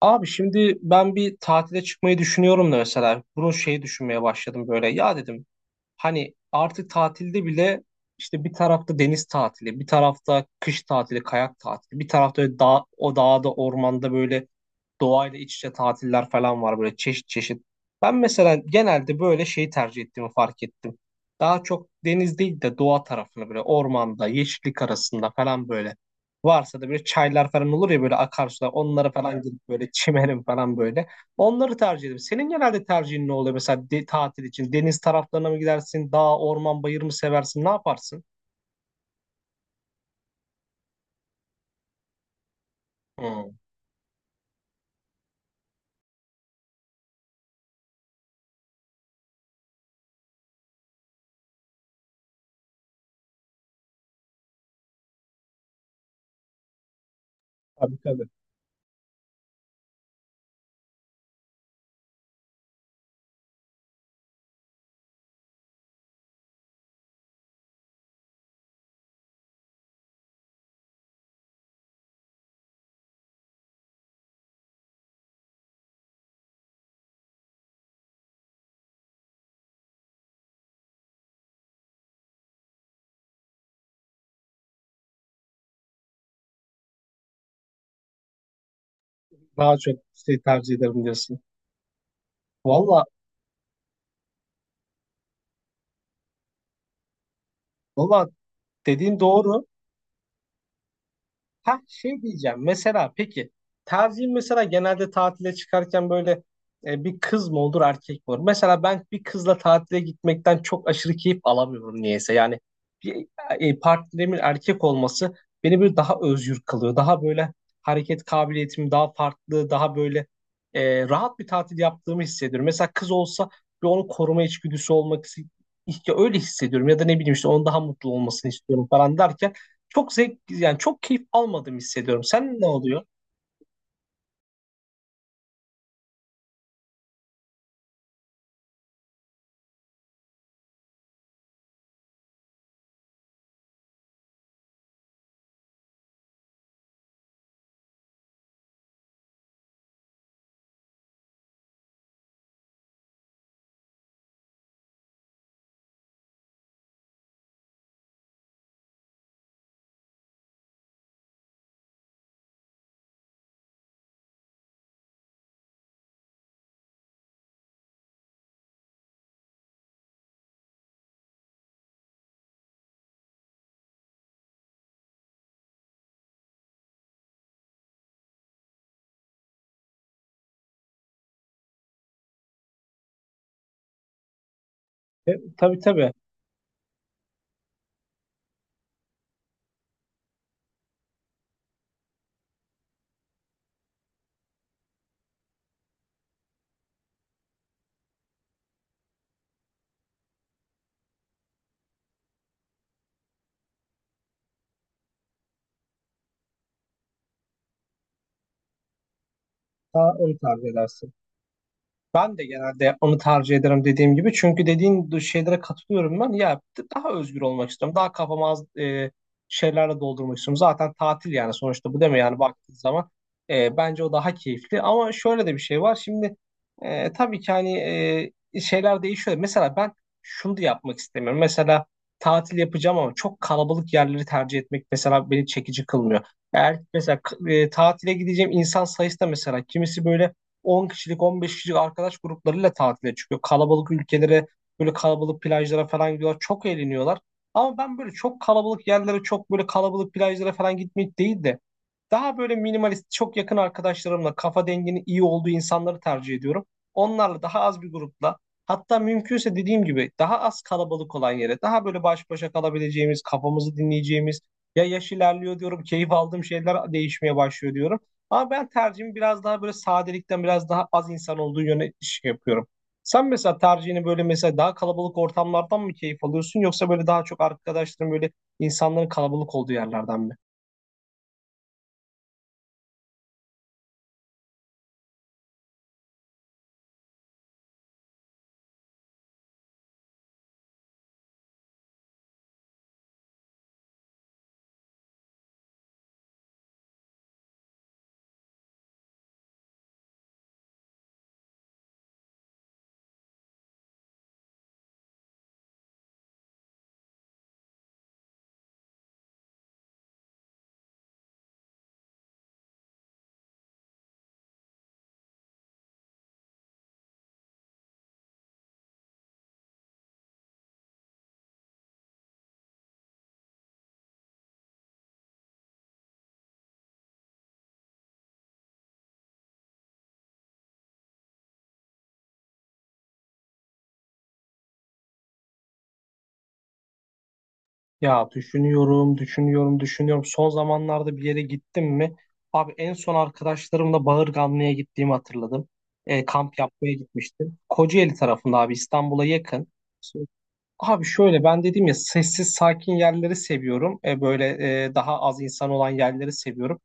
Abi şimdi ben bir tatile çıkmayı düşünüyorum da mesela bunu şeyi düşünmeye başladım böyle ya dedim hani artık tatilde bile işte bir tarafta deniz tatili bir tarafta kış tatili kayak tatili bir tarafta öyle dağ, o dağda ormanda böyle doğayla iç içe tatiller falan var böyle çeşit çeşit. Ben mesela genelde böyle şeyi tercih ettiğimi fark ettim. Daha çok deniz değil de doğa tarafını böyle ormanda, yeşillik arasında falan böyle. Varsa da böyle çaylar falan olur ya böyle akarsular onlara falan gidip böyle çimerim falan böyle. Onları tercih ederim. Senin genelde tercihin ne oluyor mesela tatil için? Deniz taraflarına mı gidersin? Dağ, orman, bayır mı seversin? Ne yaparsın? Hmm. Tabii tabii. Daha çok şey tercih ederim diyorsun. Valla, valla dediğin doğru. Ha şey diyeceğim mesela peki tercihin mesela genelde tatile çıkarken böyle bir kız mı olur erkek mi olur? Mesela ben bir kızla tatile gitmekten çok aşırı keyif alamıyorum niyeyse. Yani bir partnerimin erkek olması beni böyle daha özgür kılıyor. Daha böyle hareket kabiliyetim daha farklı daha böyle rahat bir tatil yaptığımı hissediyorum. Mesela kız olsa bir onu koruma içgüdüsü olmak istiyor. Öyle hissediyorum ya da ne bileyim işte onun daha mutlu olmasını istiyorum falan derken çok zevk yani çok keyif almadım hissediyorum. Sen ne oluyor? Tabii tabii. Daha öyle tarif edersin. Ben de genelde yapmamı tercih ederim dediğim gibi. Çünkü dediğin şeylere katılıyorum ben. Ya daha özgür olmak istiyorum. Daha kafamı az şeylerle doldurmak istiyorum. Zaten tatil yani sonuçta bu değil mi? Yani baktığın zaman bence o daha keyifli. Ama şöyle de bir şey var. Şimdi tabii ki hani şeyler değişiyor. Mesela ben şunu da yapmak istemiyorum. Mesela tatil yapacağım ama çok kalabalık yerleri tercih etmek mesela beni çekici kılmıyor. Eğer mesela tatile gideceğim insan sayısı da mesela kimisi böyle 10 kişilik 15 kişilik arkadaş gruplarıyla tatile çıkıyor. Kalabalık ülkelere böyle kalabalık plajlara falan gidiyorlar. Çok eğleniyorlar. Ama ben böyle çok kalabalık yerlere çok böyle kalabalık plajlara falan gitmek değil de daha böyle minimalist, çok yakın arkadaşlarımla, kafa denginin iyi olduğu insanları tercih ediyorum. Onlarla daha az bir grupla, hatta mümkünse dediğim gibi daha az kalabalık olan yere, daha böyle baş başa kalabileceğimiz, kafamızı dinleyeceğimiz, ya yaş ilerliyor diyorum, keyif aldığım şeyler değişmeye başlıyor diyorum. Ama ben tercihimi biraz daha böyle sadelikten biraz daha az insan olduğu yöne iş yapıyorum. Sen mesela tercihini böyle mesela daha kalabalık ortamlardan mı keyif alıyorsun yoksa böyle daha çok arkadaşların böyle insanların kalabalık olduğu yerlerden mi? Ya düşünüyorum, düşünüyorum, düşünüyorum. Son zamanlarda bir yere gittim mi? Abi en son arkadaşlarımla Bağırganlı'ya gittiğimi hatırladım. Kamp yapmaya gitmiştim. Kocaeli tarafında abi İstanbul'a yakın. Abi şöyle ben dedim ya sessiz sakin yerleri seviyorum. Böyle daha az insan olan yerleri seviyorum.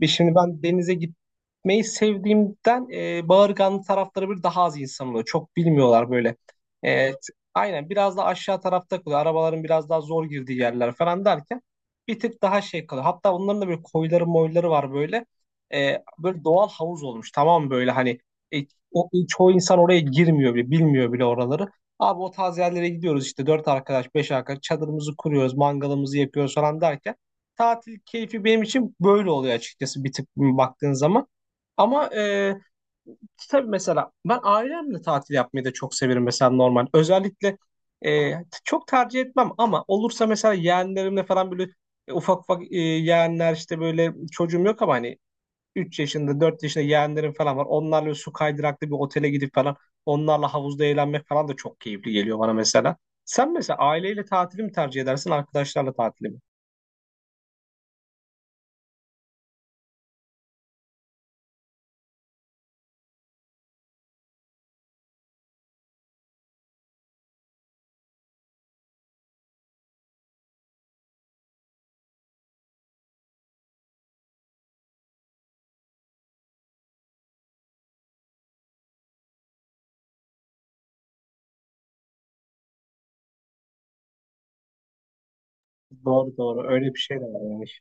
Ve şimdi ben denize gitmeyi sevdiğimden Bağırganlı tarafları bir daha az insan oluyor. Çok bilmiyorlar böyle. E, t- aynen biraz da aşağı tarafta kalıyor. Arabaların biraz daha zor girdiği yerler falan derken bir tık daha şey kalıyor. Hatta onların da böyle koyları moyları var böyle. Böyle doğal havuz olmuş tamam mı böyle hani e, çoğu insan oraya girmiyor bile bilmiyor bile oraları. Abi o tarz yerlere gidiyoruz işte dört arkadaş, beş arkadaş çadırımızı kuruyoruz, mangalımızı yakıyoruz falan derken tatil keyfi benim için böyle oluyor açıkçası bir tık baktığın zaman. Ama tabii mesela ben ailemle tatil yapmayı da çok severim mesela normal. Özellikle çok tercih etmem ama olursa mesela yeğenlerimle falan böyle ufak ufak yeğenler işte böyle çocuğum yok ama hani 3 yaşında 4 yaşında yeğenlerim falan var. Onlarla su kaydıraklı bir otele gidip falan onlarla havuzda eğlenmek falan da çok keyifli geliyor bana mesela. Sen mesela aileyle tatili mi tercih edersin arkadaşlarla tatili mi? Doğru doğru öyle bir şey de var.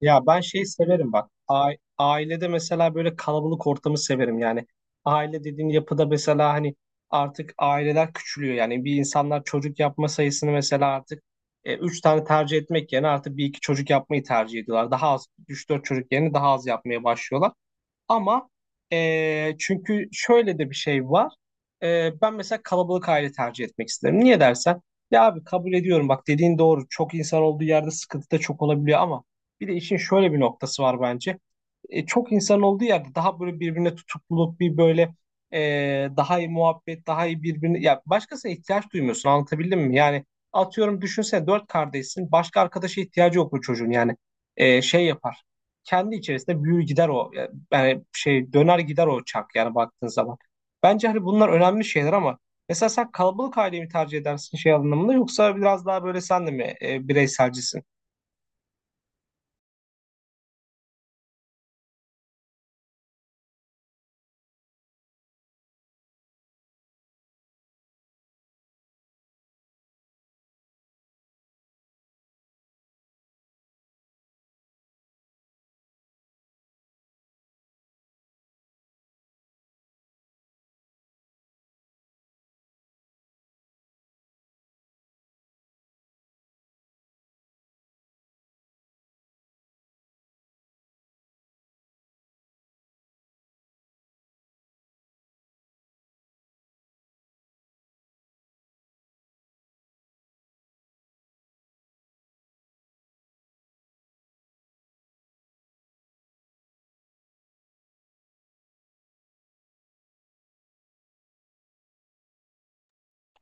Ya ben şeyi severim bak. Ailede mesela böyle kalabalık ortamı severim. Yani aile dediğin yapıda mesela hani artık aileler küçülüyor. Yani bir insanlar çocuk yapma sayısını mesela artık üç tane tercih etmek yerine artık bir iki çocuk yapmayı tercih ediyorlar. Daha az, üç dört çocuk yerine daha az yapmaya başlıyorlar. Ama çünkü şöyle de bir şey var. Ben mesela kalabalık aile tercih etmek isterim. Niye dersen? Ya abi kabul ediyorum bak dediğin doğru. Çok insan olduğu yerde sıkıntı da çok olabiliyor ama bir de işin şöyle bir noktası var bence. Çok insan olduğu yerde daha böyle birbirine tutukluluk bir böyle daha iyi muhabbet, daha iyi birbirine ya başkasına ihtiyaç duymuyorsun anlatabildim mi? Yani atıyorum düşünsene dört kardeşsin başka arkadaşa ihtiyacı yok bu çocuğun yani şey yapar kendi içerisinde büyür gider o yani şey döner gider o çark yani baktığın zaman. Bence hani bunlar önemli şeyler ama mesela sen kalabalık aileyi mi tercih edersin şey anlamında yoksa biraz daha böyle sen de mi bireyselcisin?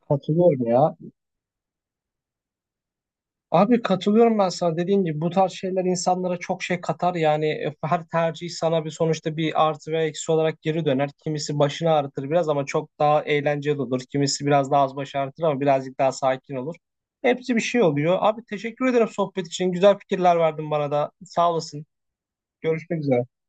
Katılıyorum ya. Abi katılıyorum ben sana dediğin gibi bu tarz şeyler insanlara çok şey katar yani her tercih sana bir sonuçta bir artı ve eksi olarak geri döner. Kimisi başını ağrıtır biraz ama çok daha eğlenceli olur. Kimisi biraz daha az baş ağrıtır ama birazcık daha sakin olur. Hepsi bir şey oluyor. Abi teşekkür ederim sohbet için. Güzel fikirler verdin bana da. Sağ olasın. Görüşmek üzere.